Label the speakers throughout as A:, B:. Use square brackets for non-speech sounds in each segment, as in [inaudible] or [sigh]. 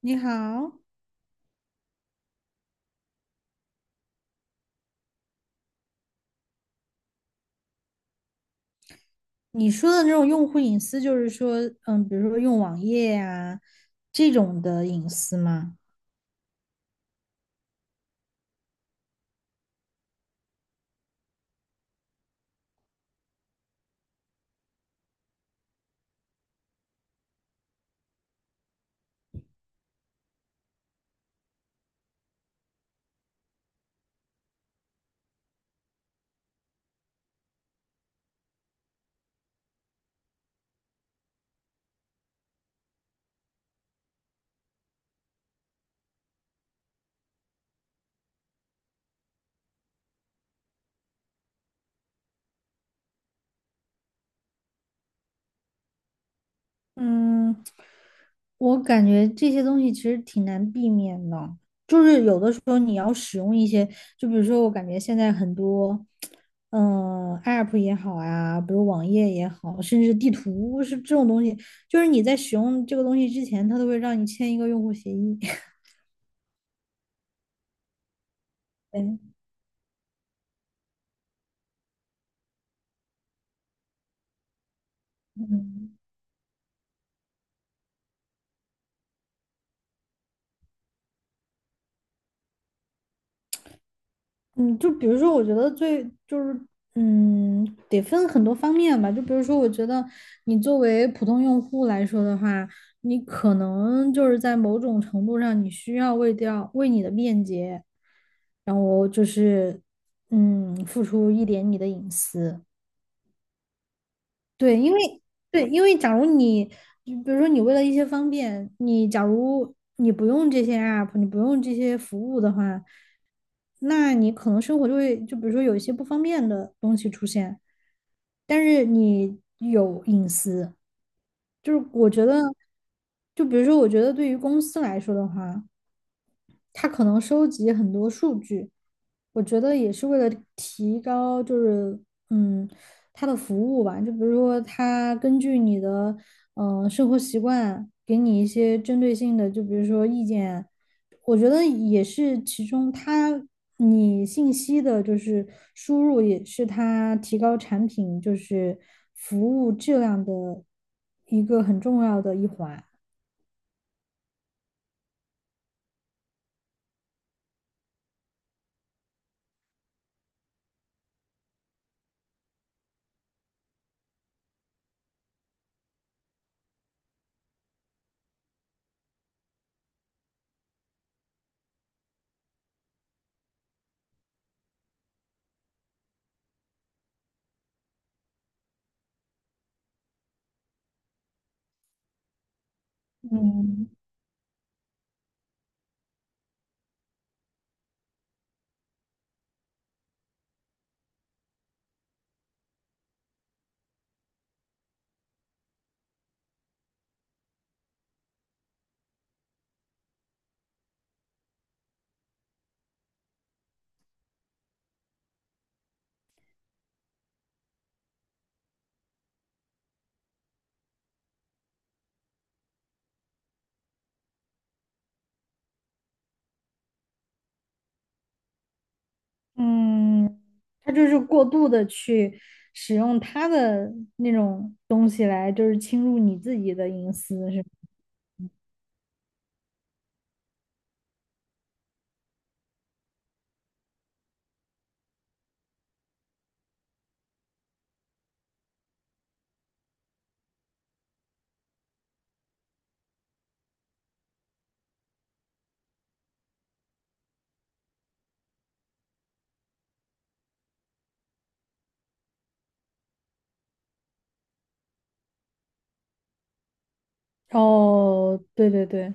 A: 你好，你说的那种用户隐私，就是说，比如说用网页呀、这种的隐私吗？嗯，我感觉这些东西其实挺难避免的，就是有的时候你要使用一些，就比如说我感觉现在很多，App 也好呀、比如网页也好，甚至地图是这种东西，就是你在使用这个东西之前，它都会让你签一个用户协议。[laughs] 对，嗯。嗯，就比如说，我觉得最就是，得分很多方面吧。就比如说，我觉得你作为普通用户来说的话，你可能就是在某种程度上，你需要为掉为你的便捷，然后就是，付出一点你的隐私。对，因为假如你，就比如说你为了一些方便，你假如你不用这些 app，你不用这些服务的话，那你可能生活就会，就比如说有一些不方便的东西出现，但是你有隐私，就是我觉得，就比如说我觉得对于公司来说的话，他可能收集很多数据，我觉得也是为了提高，嗯，他的服务吧。就比如说，他根据你的生活习惯，给你一些针对性的，就比如说意见，我觉得也是其中他你信息的，就是输入也是他提高产品就是服务质量的一个很重要的一环。嗯。嗯，他就是过度的去使用他的那种东西来，就是侵入你自己的隐私，是吗？哦，对对对。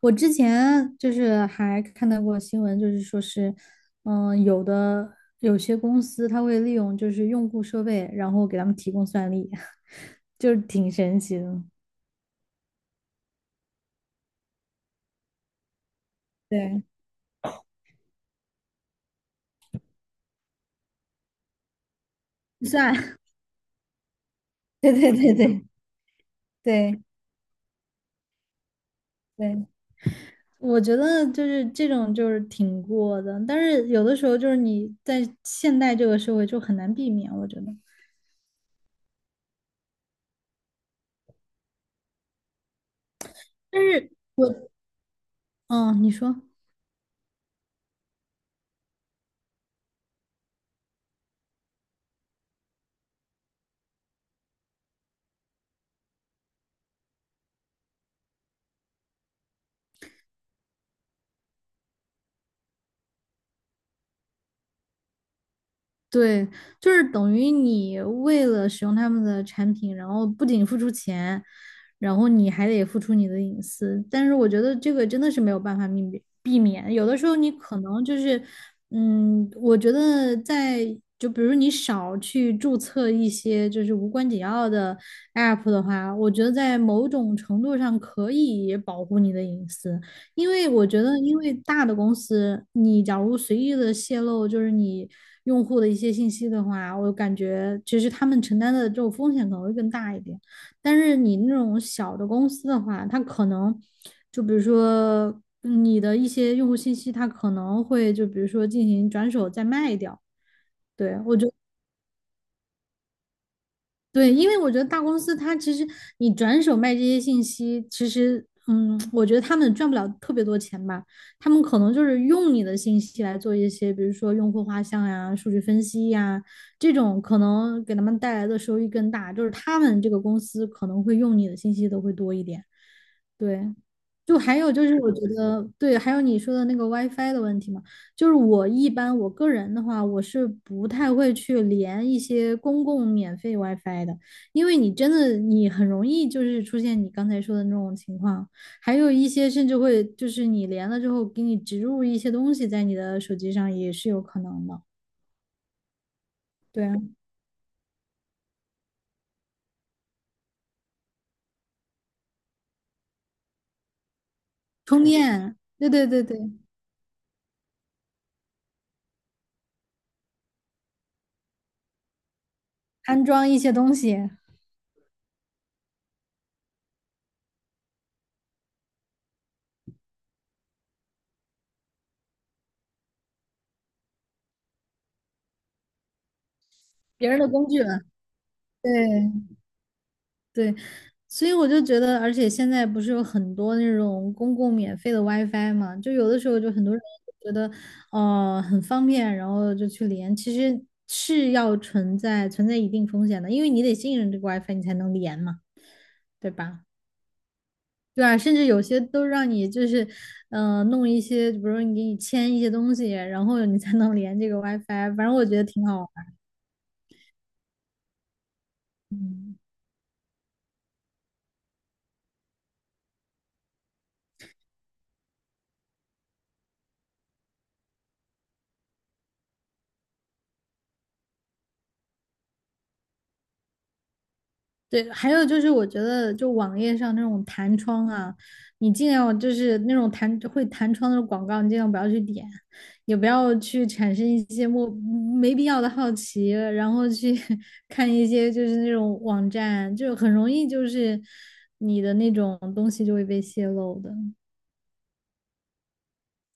A: 我之前就是还看到过新闻，就是说是，有的有些公司他会利用就是用户设备，然后给他们提供算力，[laughs] 就是挺神奇的。对，算，[laughs] 对对对对对对。我觉得就是这种就是挺过的，但是有的时候就是你在现代这个社会就很难避免，我觉得。但是我，你说，对，就是等于你为了使用他们的产品，然后不仅付出钱，然后你还得付出你的隐私。但是我觉得这个真的是没有办法避免，有的时候你可能就是，我觉得在就比如你少去注册一些就是无关紧要的 app 的话，我觉得在某种程度上可以保护你的隐私。因为我觉得，因为大的公司，你假如随意的泄露就是你用户的一些信息的话，我感觉其实他们承担的这种风险可能会更大一点。但是你那种小的公司的话，它可能就比如说你的一些用户信息，它可能会就比如说进行转手再卖掉。对，我觉对，因为我觉得大公司它其实你转手卖这些信息，其实嗯，我觉得他们赚不了特别多钱吧，他们可能就是用你的信息来做一些，比如说用户画像呀、数据分析呀这种，可能给他们带来的收益更大，就是他们这个公司可能会用你的信息都会多一点。对，就还有就是，我觉得对，还有你说的那个 WiFi 的问题嘛，就是我一般我个人的话，我是不太会去连一些公共免费 WiFi 的，因为你真的你很容易就是出现你刚才说的那种情况，还有一些甚至会就是你连了之后给你植入一些东西在你的手机上也是有可能的，对啊，充电，对对对对，安装一些东西，别人的工具，对。对，所以我就觉得，而且现在不是有很多那种公共免费的 WiFi 嘛，就有的时候就很多人觉得，很方便，然后就去连，其实是要存在一定风险的，因为你得信任这个 WiFi 你才能连嘛，对吧？对啊，甚至有些都让你就是，弄一些，比如说你给你签一些东西，然后你才能连这个 WiFi，反正我觉得挺好玩儿。嗯对，还有就是，我觉得就网页上那种弹窗啊，你尽量就是那种弹会弹窗的广告，你尽量不要去点，也不要去产生一些莫没必要的好奇，然后去 [laughs] 看一些就是那种网站，就很容易就是你的那种东西就会被泄露的。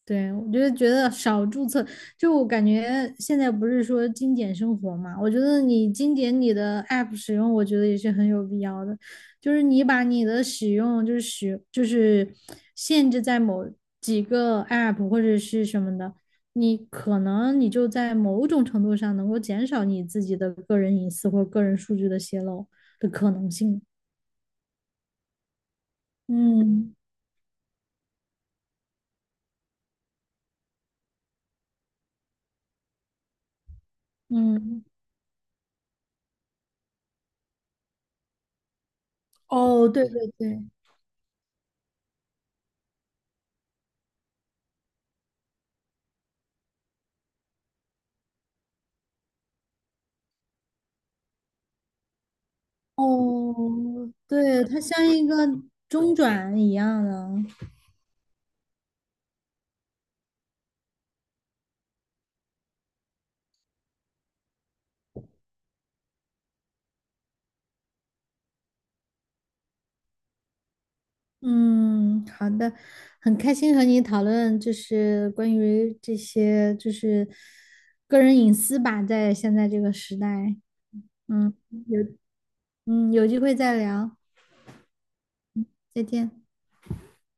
A: 对，我就是觉得少注册，就我感觉现在不是说精简生活嘛，我觉得你精简你的 app 使用，我觉得也是很有必要的。就是你把你的使用，就是使，就是限制在某几个 app 或者是什么的，你可能你就在某种程度上能够减少你自己的个人隐私或个人数据的泄露的可能性。嗯嗯，哦，对对对。哦，对，它像一个中转一样的。嗯，好的，很开心和你讨论，就是关于这些，就是个人隐私吧，在现在这个时代。嗯，有，嗯，有机会再聊，再见。